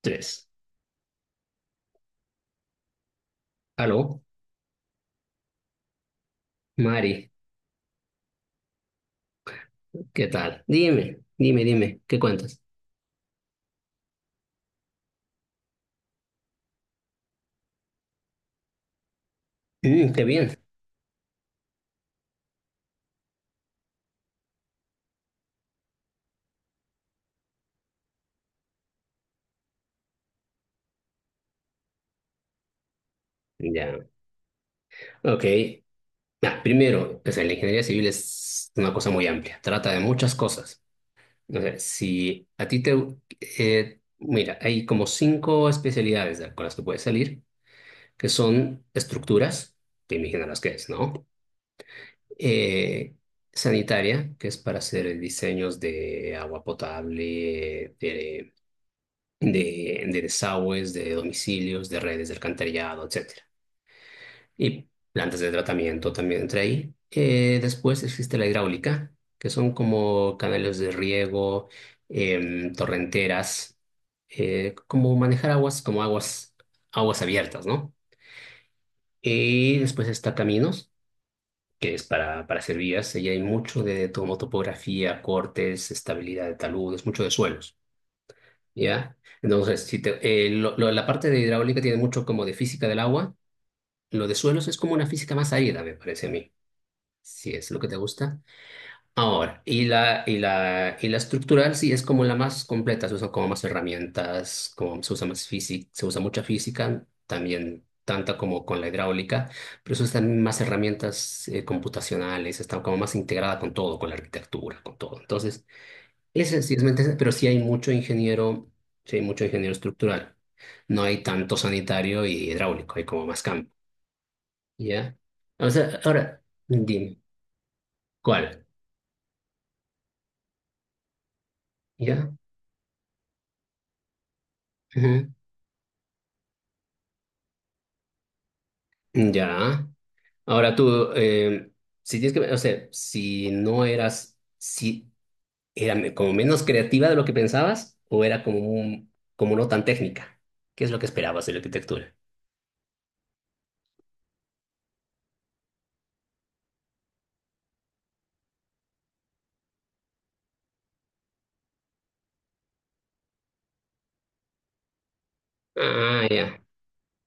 Tres. Aló, Mari, ¿qué tal? Dime, ¿qué cuentas? Mm, qué bien. Ya, ok. Primero, o sea, la ingeniería civil es una cosa muy amplia, trata de muchas cosas. O sea, si a ti te... mira, hay como cinco especialidades con las que puedes salir, que son estructuras, te imaginarás qué es, ¿no? Eh, sanitaria, que es para hacer diseños de agua potable, de desagües, de domicilios, de redes de alcantarillado, etcétera. Y plantas de tratamiento también entra ahí. Después existe la hidráulica, que son como canales de riego, torrenteras, como manejar aguas, aguas abiertas, ¿no? Y después está caminos, que es para hacer vías. Y hay mucho de topografía, cortes, estabilidad de taludes, mucho de suelos. ¿Ya? Entonces, si te- lo- la parte de hidráulica tiene mucho como de física del agua. Lo de suelos es como una física más árida, me parece a mí, si es lo que te gusta. Ahora, y la estructural sí es como la más completa, se usan como más herramientas, como se usa más física, se usa mucha física, también tanta como con la hidráulica, pero se usan más herramientas computacionales. Está como más integrada con todo, con la arquitectura, con todo. Entonces, ese sí es mente- pero sí hay mucho ingeniero, sí hay mucho ingeniero estructural. No hay tanto sanitario y hidráulico, hay como más campo, ¿ya? O sea, ahora, dime, ¿cuál? ¿Ya? Ujú. Ya. Ahora tú, si tienes que, o sea, si no eras, si era como menos creativa de lo que pensabas, o era como un, como no tan técnica, ¿qué es lo que esperabas de la arquitectura? Ah, ya.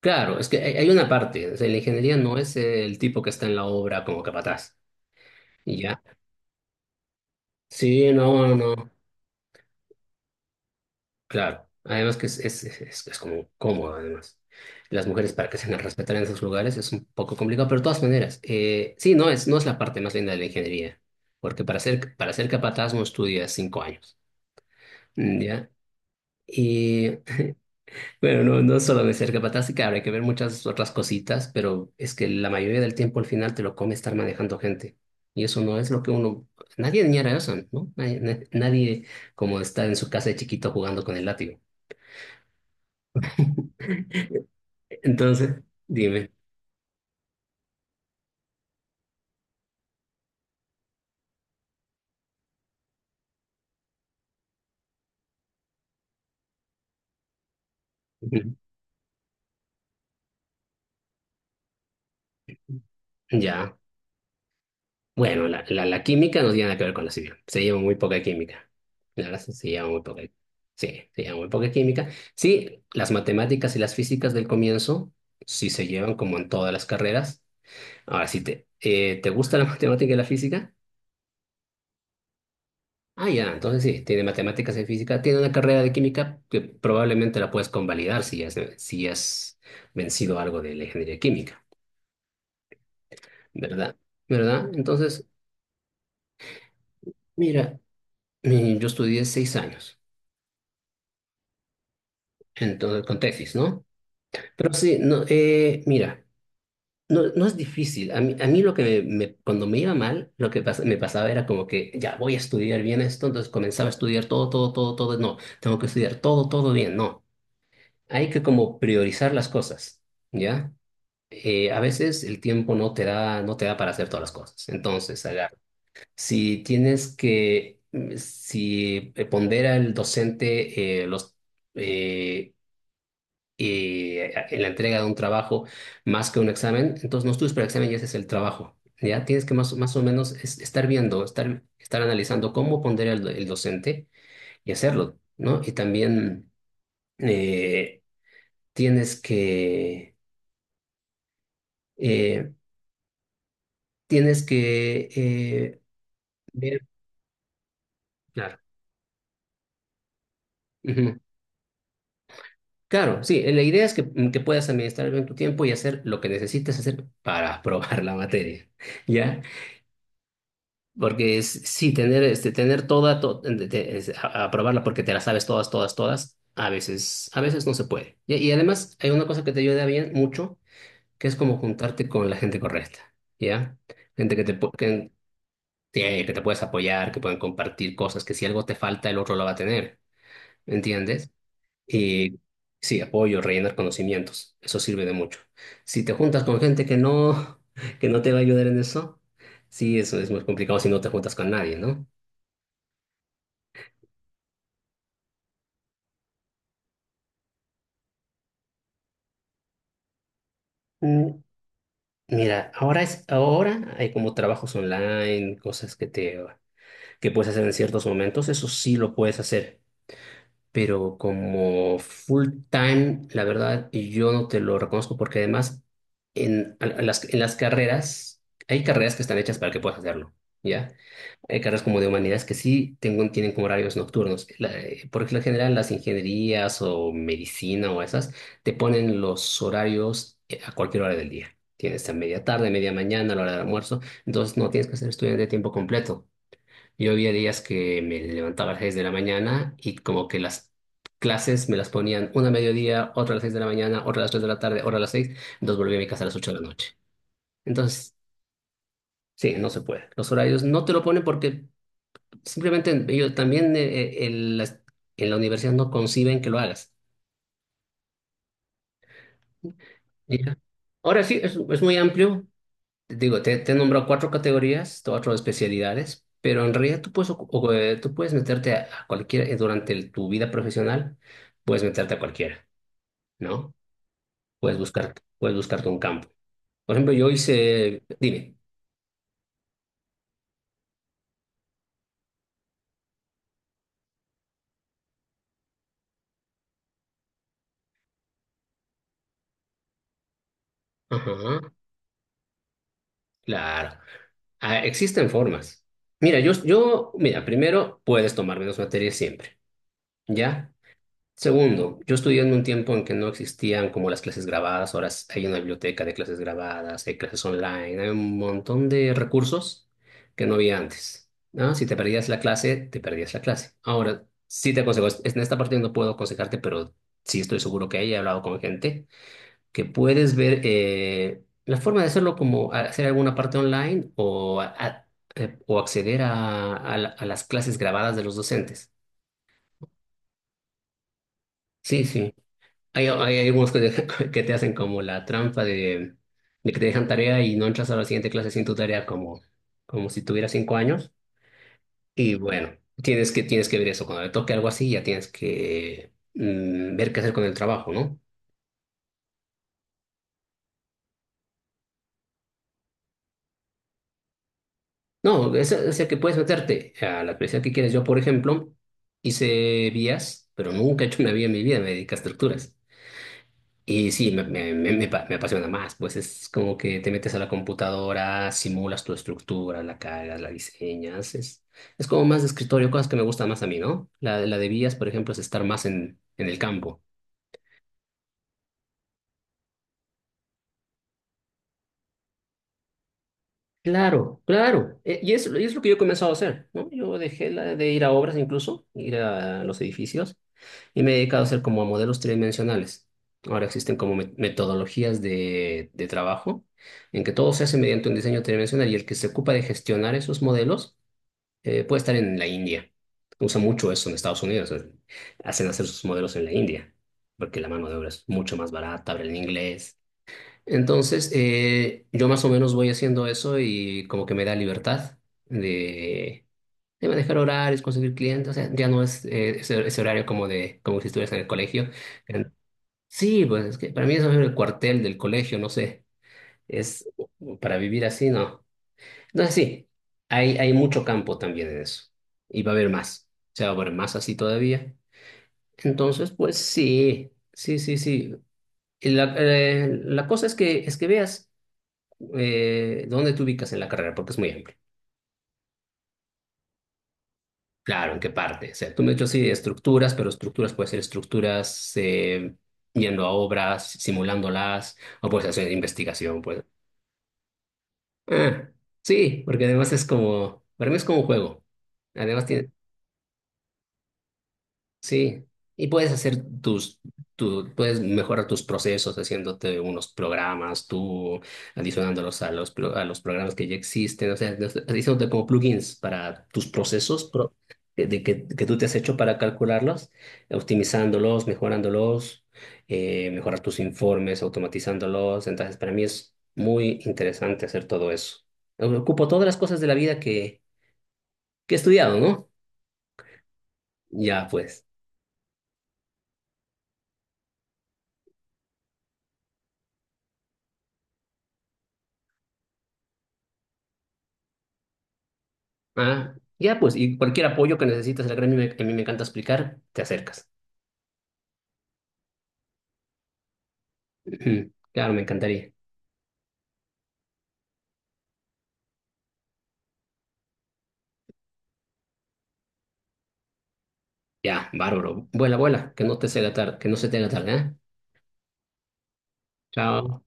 Claro, es que hay una parte, o sea, la ingeniería no es el tipo que está en la obra como capataz, y ya. Sí, no, claro. Además que es como cómodo, además. Las mujeres para que se las respeten en esos lugares es un poco complicado, pero de todas maneras, sí, no es la parte más linda de la ingeniería, porque para ser capataz no estudias 5 años, ¿ya? Y bueno, no, no solo de ser capataz, sí que habrá que ver muchas otras cositas, pero es que la mayoría del tiempo al final te lo come estar manejando gente. Y eso no es lo que uno... Nadie añora eso, ¿no? Nadie, nadie como está en su casa de chiquito jugando con el látigo. Entonces, dime. Ujú. Ya. Bueno, la química no tiene nada que ver con la civil. Se lleva muy poca química. La verdad, se lleva muy poca. Sí, se lleva muy poca química. Sí, las matemáticas y las físicas del comienzo sí se llevan como en todas las carreras. Ahora, si te, ¿te gusta la matemática y la física? Ah, ya, entonces sí, tiene matemáticas y física, tiene una carrera de química que probablemente la puedes convalidar si has vencido algo de la ingeniería química, ¿verdad? ¿Verdad? Entonces, mira, yo estudié 6 años, entonces con tesis, ¿no? Pero sí, no, mira, no, no es difícil. A mí lo que me, cuando me iba mal, lo que me pasaba era como que ya voy a estudiar bien esto, entonces comenzaba a estudiar todo, no, tengo que estudiar todo, todo bien, no. Hay que como priorizar las cosas, ¿ya? A veces el tiempo no te da, no te da para hacer todas las cosas. Entonces, agarra. Si tienes que, si pondera el docente eh, en la entrega de un trabajo más que un examen, entonces no estudies para el examen y ese es el trabajo. Ya tienes que más o menos estar viendo, estar analizando cómo pondera el docente y hacerlo, ¿no? Y también eh, tienes que eh, tienes que eh, ver, claro. Ujú. Claro, sí, la idea es que, que puedas administrar bien tu tiempo y hacer lo que necesites hacer para aprobar la materia, ¿ya? Porque es, sí, tener, este, tener toda, aprobarla porque te la sabes todas, a veces no se puede. Y además hay una cosa que te ayuda bien mucho, que es como juntarte con la gente correcta, ¿ya? Gente que sí, que te puedes apoyar, que pueden compartir cosas, que si algo te falta, el otro lo va a tener. ¿Entiendes? Y sí, apoyo, rellenar conocimientos, eso sirve de mucho. Si te juntas con gente que no, que no te va a ayudar en eso, sí, eso es muy complicado si no te juntas con nadie, ¿no? Mm, mira, ahora hay como trabajos online, cosas que te, que puedes hacer en ciertos momentos, eso sí lo puedes hacer, pero como full time, la verdad, yo no te lo reconozco porque además en las carreras, hay carreras que están hechas para que puedas hacerlo, ¿ya? Hay carreras como de humanidades que sí tienen como horarios nocturnos. Por lo general, las ingenierías o medicina o esas te ponen los horarios a cualquier hora del día. Tienes a media tarde, media mañana, a la hora del almuerzo, entonces no tienes que ser estudiante de tiempo completo. Yo había días que me levantaba a las 6 de la mañana y como que las clases me las ponían una a mediodía, otra a las 6 de la mañana, otra a las 3 de la tarde, otra a las seis, entonces volví a mi casa a las 8 de la noche. Entonces, sí, no se puede. Los horarios no te lo ponen porque simplemente ellos también en la universidad no conciben que lo hagas. Ya. Ahora sí, es muy amplio. Digo, te he nombrado 4 categorías, 4 especialidades, pero en realidad tú puedes, tú puedes meterte a cualquiera, durante tu vida profesional, puedes meterte a cualquiera, ¿no? Puedes buscar, puedes buscarte un campo. Por ejemplo, yo hice, dime, ajá, claro. Ah, existen formas. Mira, mira, primero puedes tomar menos materias siempre, ¿ya? Segundo, yo estudié en un tiempo en que no existían como las clases grabadas, ahora hay una biblioteca de clases grabadas, hay clases online, hay un montón de recursos que no había antes. ¿No? Si te perdías la clase, te perdías la clase. Ahora, sí te aconsejo, en esta parte no puedo aconsejarte, pero sí estoy seguro que he hablado con gente que puedes ver la forma de hacerlo como hacer alguna parte online o acceder a las clases grabadas de los docentes. Sí, sí. Hay algunos que, te que te hacen como la trampa de que te dejan tarea y no entras a la siguiente clase sin tu tarea como, como si tuvieras 5 años. Y bueno, tienes que ver eso. Cuando te toque algo así, ya tienes que ver qué hacer con el trabajo, ¿no? No, o sea que puedes meterte a la especialidad que quieres. Yo, por ejemplo, hice vías, pero nunca he hecho una vía en mi vida, me dediqué a estructuras. Y sí, me apasiona más, pues es como que te metes a la computadora, simulas tu estructura, la cargas, la diseñas, es como más de escritorio, cosas que me gustan más a mí, ¿no? La de vías, por ejemplo, es estar más en el campo. Claro, claro. Y es lo que yo he comenzado a hacer, ¿no? Yo dejé de ir a obras incluso, ir a los edificios, y me he dedicado a hacer como modelos tridimensionales. Ahora existen como metodologías de trabajo en que todo se hace mediante un diseño tridimensional y el que se ocupa de gestionar esos modelos puede estar en la India. Usa mucho eso en Estados Unidos. Hacen hacer sus modelos en la India, porque la mano de obra es mucho más barata, hablan inglés. Entonces, yo más o menos voy haciendo eso y como que me da libertad de, de manejar horarios, conseguir clientes. O sea, ya no es ese horario como de como si estuvieras en el colegio. En- sí, pues es que para mí eso es el cuartel del colegio, no sé. Es para vivir así, no. Entonces, sí, hay mucho campo también en eso. Y va a haber más. O sea, va a haber más así todavía. Entonces, pues sí, sí. Y la cosa es es que veas ¿dónde te ubicas en la carrera? Porque es muy amplio. Claro, ¿en qué parte? O sea, tú me has dicho sí de estructuras, pero estructuras puede ser estructuras yendo a obras, simulándolas, o puede ser hacer investigación, pues. Ah, sí, porque además es como, para mí es como un juego. Además tiene, sí, y puedes hacer tus, tu, puedes mejorar tus procesos haciéndote unos programas, tú adicionándolos a a los programas que ya existen, o sea, no haciéndote como plugins para tus procesos que tú te has hecho para calcularlos, optimizándolos, mejorándolos, mejorar tus informes, automatizándolos. Entonces, para mí es muy interesante hacer todo eso. Ocupo todas las cosas de la vida que he estudiado, ¿no? Ya, pues. Ah, ya, pues, y cualquier apoyo que necesites, el gremio que a mí me encanta explicar, te acercas. Ujú. Claro, me encantaría. Ya, bárbaro. Vuela, vuela, que no se te haga tarde, ¿eh? Chao.